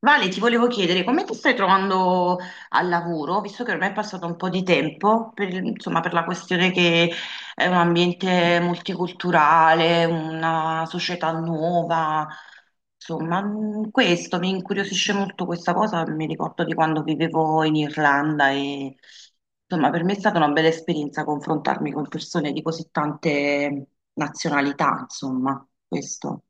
Vale, ti volevo chiedere come ti stai trovando al lavoro, visto che ormai è passato un po' di tempo, insomma, per la questione che è un ambiente multiculturale, una società nuova, insomma, questo mi incuriosisce molto questa cosa. Mi ricordo di quando vivevo in Irlanda e insomma, per me è stata una bella esperienza confrontarmi con persone di così tante nazionalità, insomma, questo.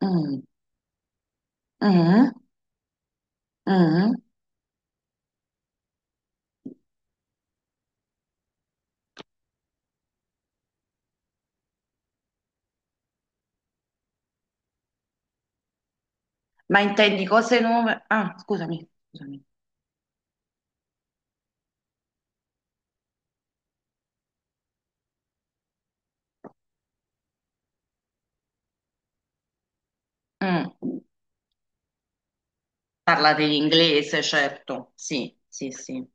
Mm, mm, mm. Ma intendi cose nuove? Ah, scusami, scusami. Mm. Parlate in inglese, certo. Sì, sì, sì.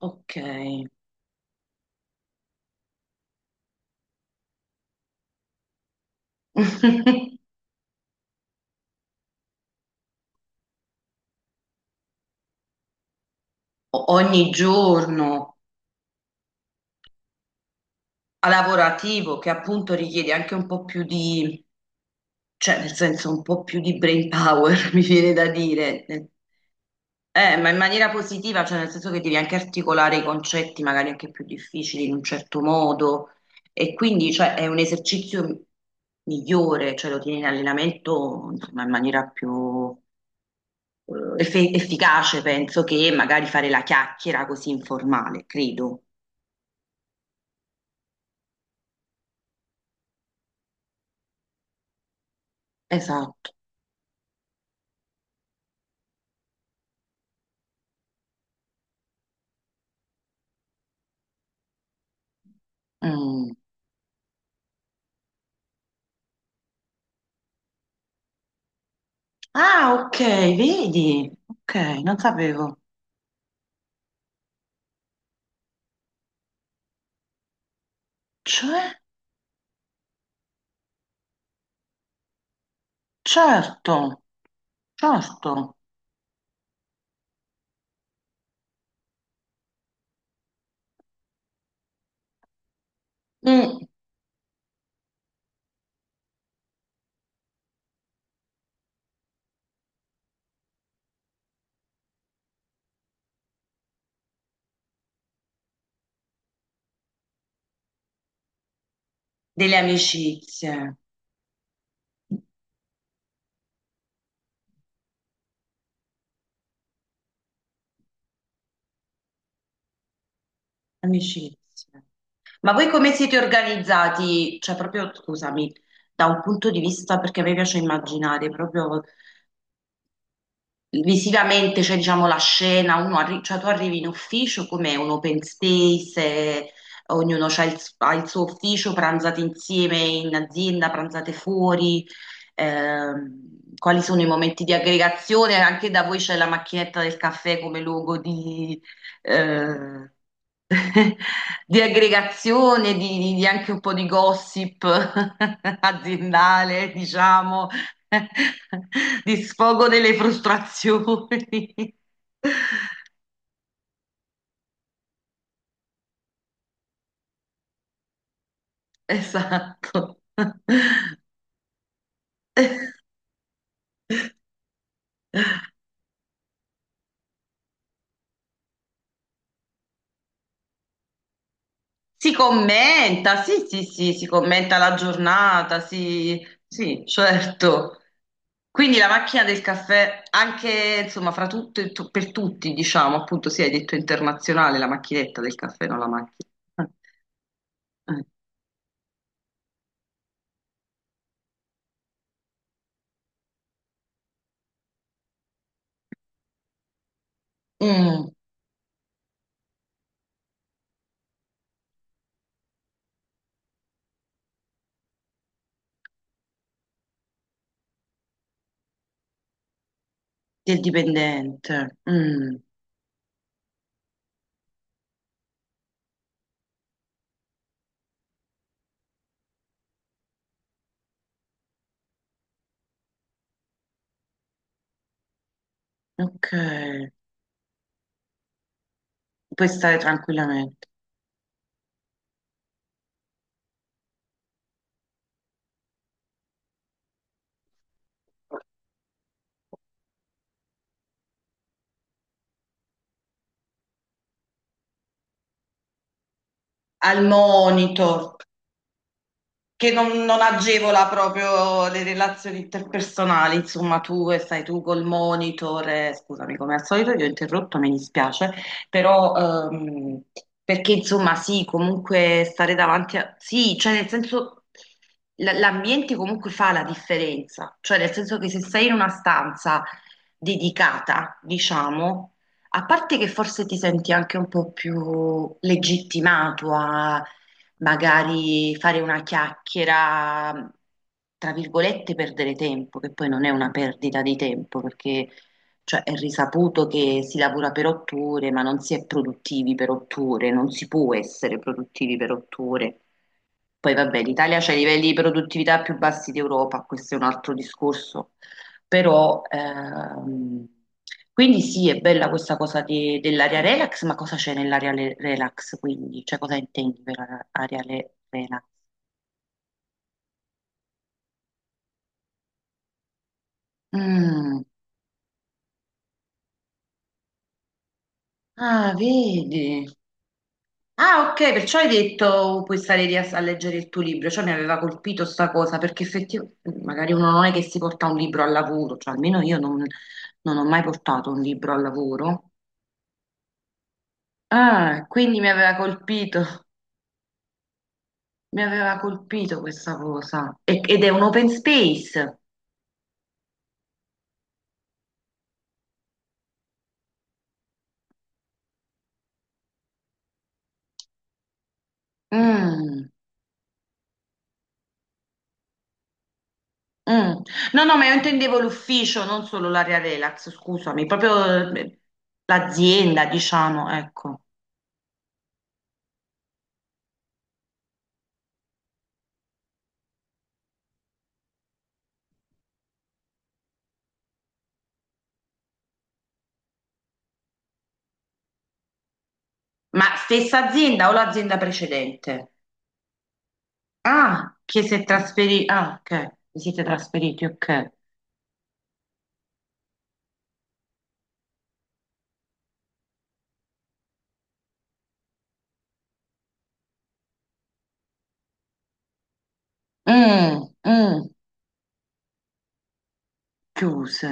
Ok. Ogni giorno a lavorativo che appunto richiede anche un po' più di, cioè nel senso un po' più di brain power, mi viene da dire. Ma in maniera positiva, cioè nel senso che devi anche articolare i concetti magari anche più difficili in un certo modo e quindi cioè, è un esercizio migliore, cioè lo tieni in allenamento insomma, in maniera più eh, efficace, penso, che magari fare la chiacchiera così informale, credo. Esatto. Mm. Ah, ok, vedi? Ok, non sapevo. Cioè, certo, certo. Mm, delle amicizie. Amicizia. Ma voi come siete organizzati? Cioè, proprio, scusami, da un punto di vista, perché a me piace immaginare proprio. Visivamente c'è diciamo la scena, cioè tu arrivi in ufficio come un open space, eh, ognuno ha il suo ufficio, pranzate insieme in azienda, pranzate fuori, quali sono i momenti di aggregazione, anche da voi c'è la macchinetta del caffè come luogo di, eh, di aggregazione, di, di anche un po' di gossip aziendale, diciamo. Di sfogo delle frustrazioni. Esatto. Si commenta, sì, sì, sì, si commenta la giornata, sì, sì, certo. Quindi la macchina del caffè, anche insomma, fra tutto per tutti, diciamo, appunto, sì, hai detto internazionale, la macchinetta del caffè, non la macchina. Eh. Mm, del dipendente. Mm, ok, puoi stare tranquillamente. Al monitor, che non agevola proprio le relazioni interpersonali, insomma, tu e stai tu col monitor, scusami, come al solito ti ho interrotto, mi dispiace, però ehm, perché insomma sì, comunque stare davanti a... Sì, cioè nel senso l'ambiente comunque fa la differenza, cioè nel senso che se sei in una stanza dedicata, diciamo, a parte che forse ti senti anche un po' più legittimato a magari fare una chiacchiera, tra virgolette, perdere tempo, che poi non è una perdita di tempo, perché cioè, è risaputo che si lavora per otto ore, ma non si è produttivi per otto ore, non si può essere produttivi per otto ore. Poi vabbè, l'Italia ha i livelli di produttività più bassi d'Europa, questo è un altro discorso. Però, quindi sì, è bella questa cosa dell'area relax, ma cosa c'è nell'area relax quindi? Cioè cosa intendi per area relax? Mm. Ah, vedi. Ah, ok, perciò hai detto puoi stare lì a leggere il tuo libro, cioè mi aveva colpito sta cosa, perché effettivamente magari uno non è che si porta un libro al lavoro, cioè almeno io non, ho mai portato un libro al lavoro. Ah, quindi mi aveva colpito. Mi aveva colpito questa cosa. Ed è un open space. Mm, mm. No, no, ma io intendevo l'ufficio, non solo l'area relax, scusami, proprio l'azienda, diciamo, ecco. Ma stessa azienda o l'azienda precedente? Ah, che si è trasferito. Ah, ok. Vi siete trasferiti, ok. Mm, mm, chiuse.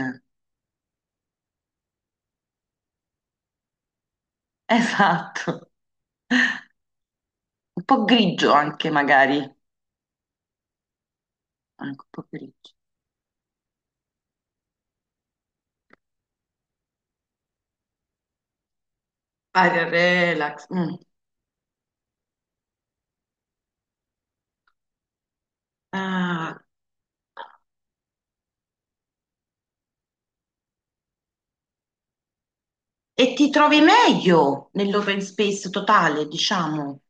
Esatto. Un po' grigio anche, magari. Anche un po' grigio. Aria relax. Mm. Ah, e ti trovi meglio nell'open space totale, diciamo.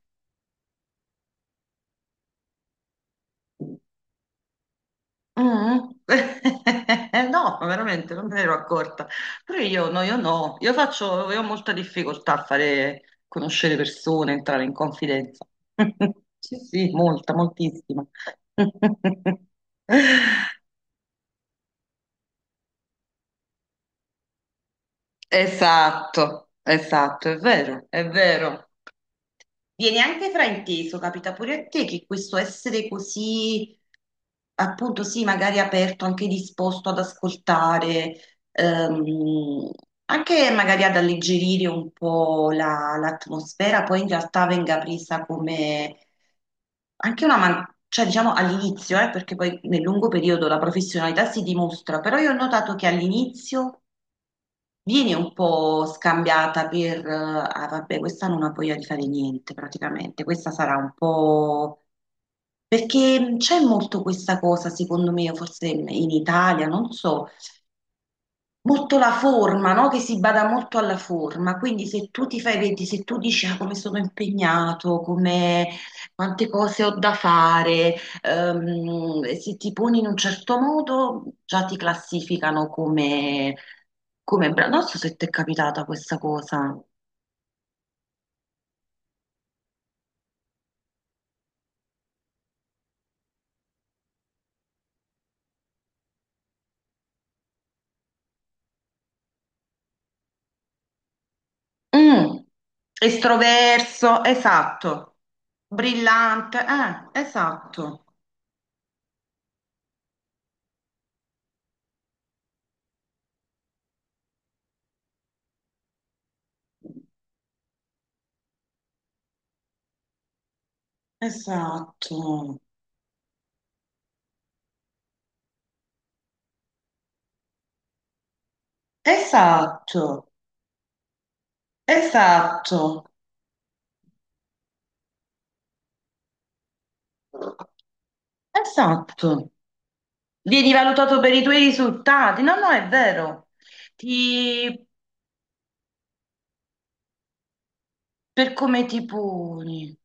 Mm. No, veramente non me ne ero accorta. Però io no, io no, io faccio, io ho molta difficoltà a fare conoscere persone, entrare in confidenza. Sì, sì, molta, moltissima. Esatto, esatto, è vero, è vero. Viene anche frainteso, capita pure a te che questo essere così appunto, sì, magari aperto, anche disposto ad ascoltare, ehm, anche magari ad alleggerire un po' l'atmosfera, poi in realtà venga presa come anche cioè diciamo all'inizio, perché poi nel lungo periodo la professionalità si dimostra, però io ho notato che all'inizio vieni un po' scambiata per, ah vabbè, questa non ha voglia di fare niente praticamente, questa sarà un po'... Perché c'è molto questa cosa, secondo me, forse in Italia, non so, molto la forma, no? Che si bada molto alla forma, quindi se tu ti fai, vedi, se tu dici "Ah, come sono impegnato, come, quante cose ho da fare, e se ti poni in un certo modo, già ti classificano come, come bravo". Non so se ti è capitata questa cosa. Mm, estroverso, esatto, brillante, esatto, esatto, esatto, esatto. Esatto, vieni valutato per i tuoi risultati. No, no, è vero. Ti... Per come ti poni.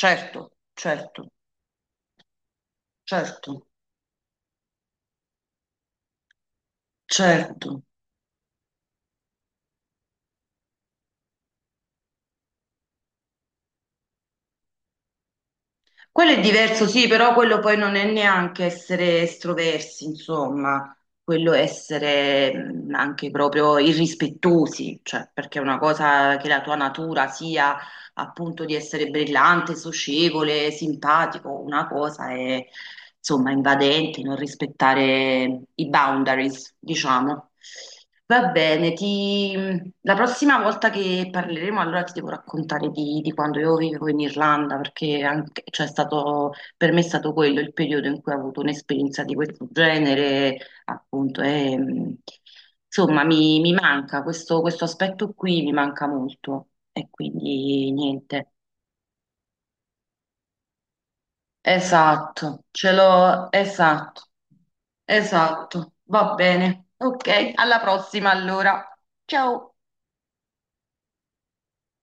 Certo, certo, certo, certo. Quello è diverso, sì, però quello poi non è neanche essere estroversi, insomma, quello è essere anche proprio irrispettosi, cioè, perché è una cosa che la tua natura sia appunto di essere brillante, socievole, simpatico, una cosa è insomma invadente, non rispettare i boundaries, diciamo. Va bene, ti... La prossima volta che parleremo allora ti devo raccontare di quando io vivevo in Irlanda, perché anche, cioè, è stato, per me è stato quello il periodo in cui ho avuto un'esperienza di questo genere, appunto, e, insomma mi manca questo aspetto qui, mi manca molto. E quindi niente. Esatto, ce l'ho, esatto, esatto. Va bene. Ok, alla prossima allora. Ciao.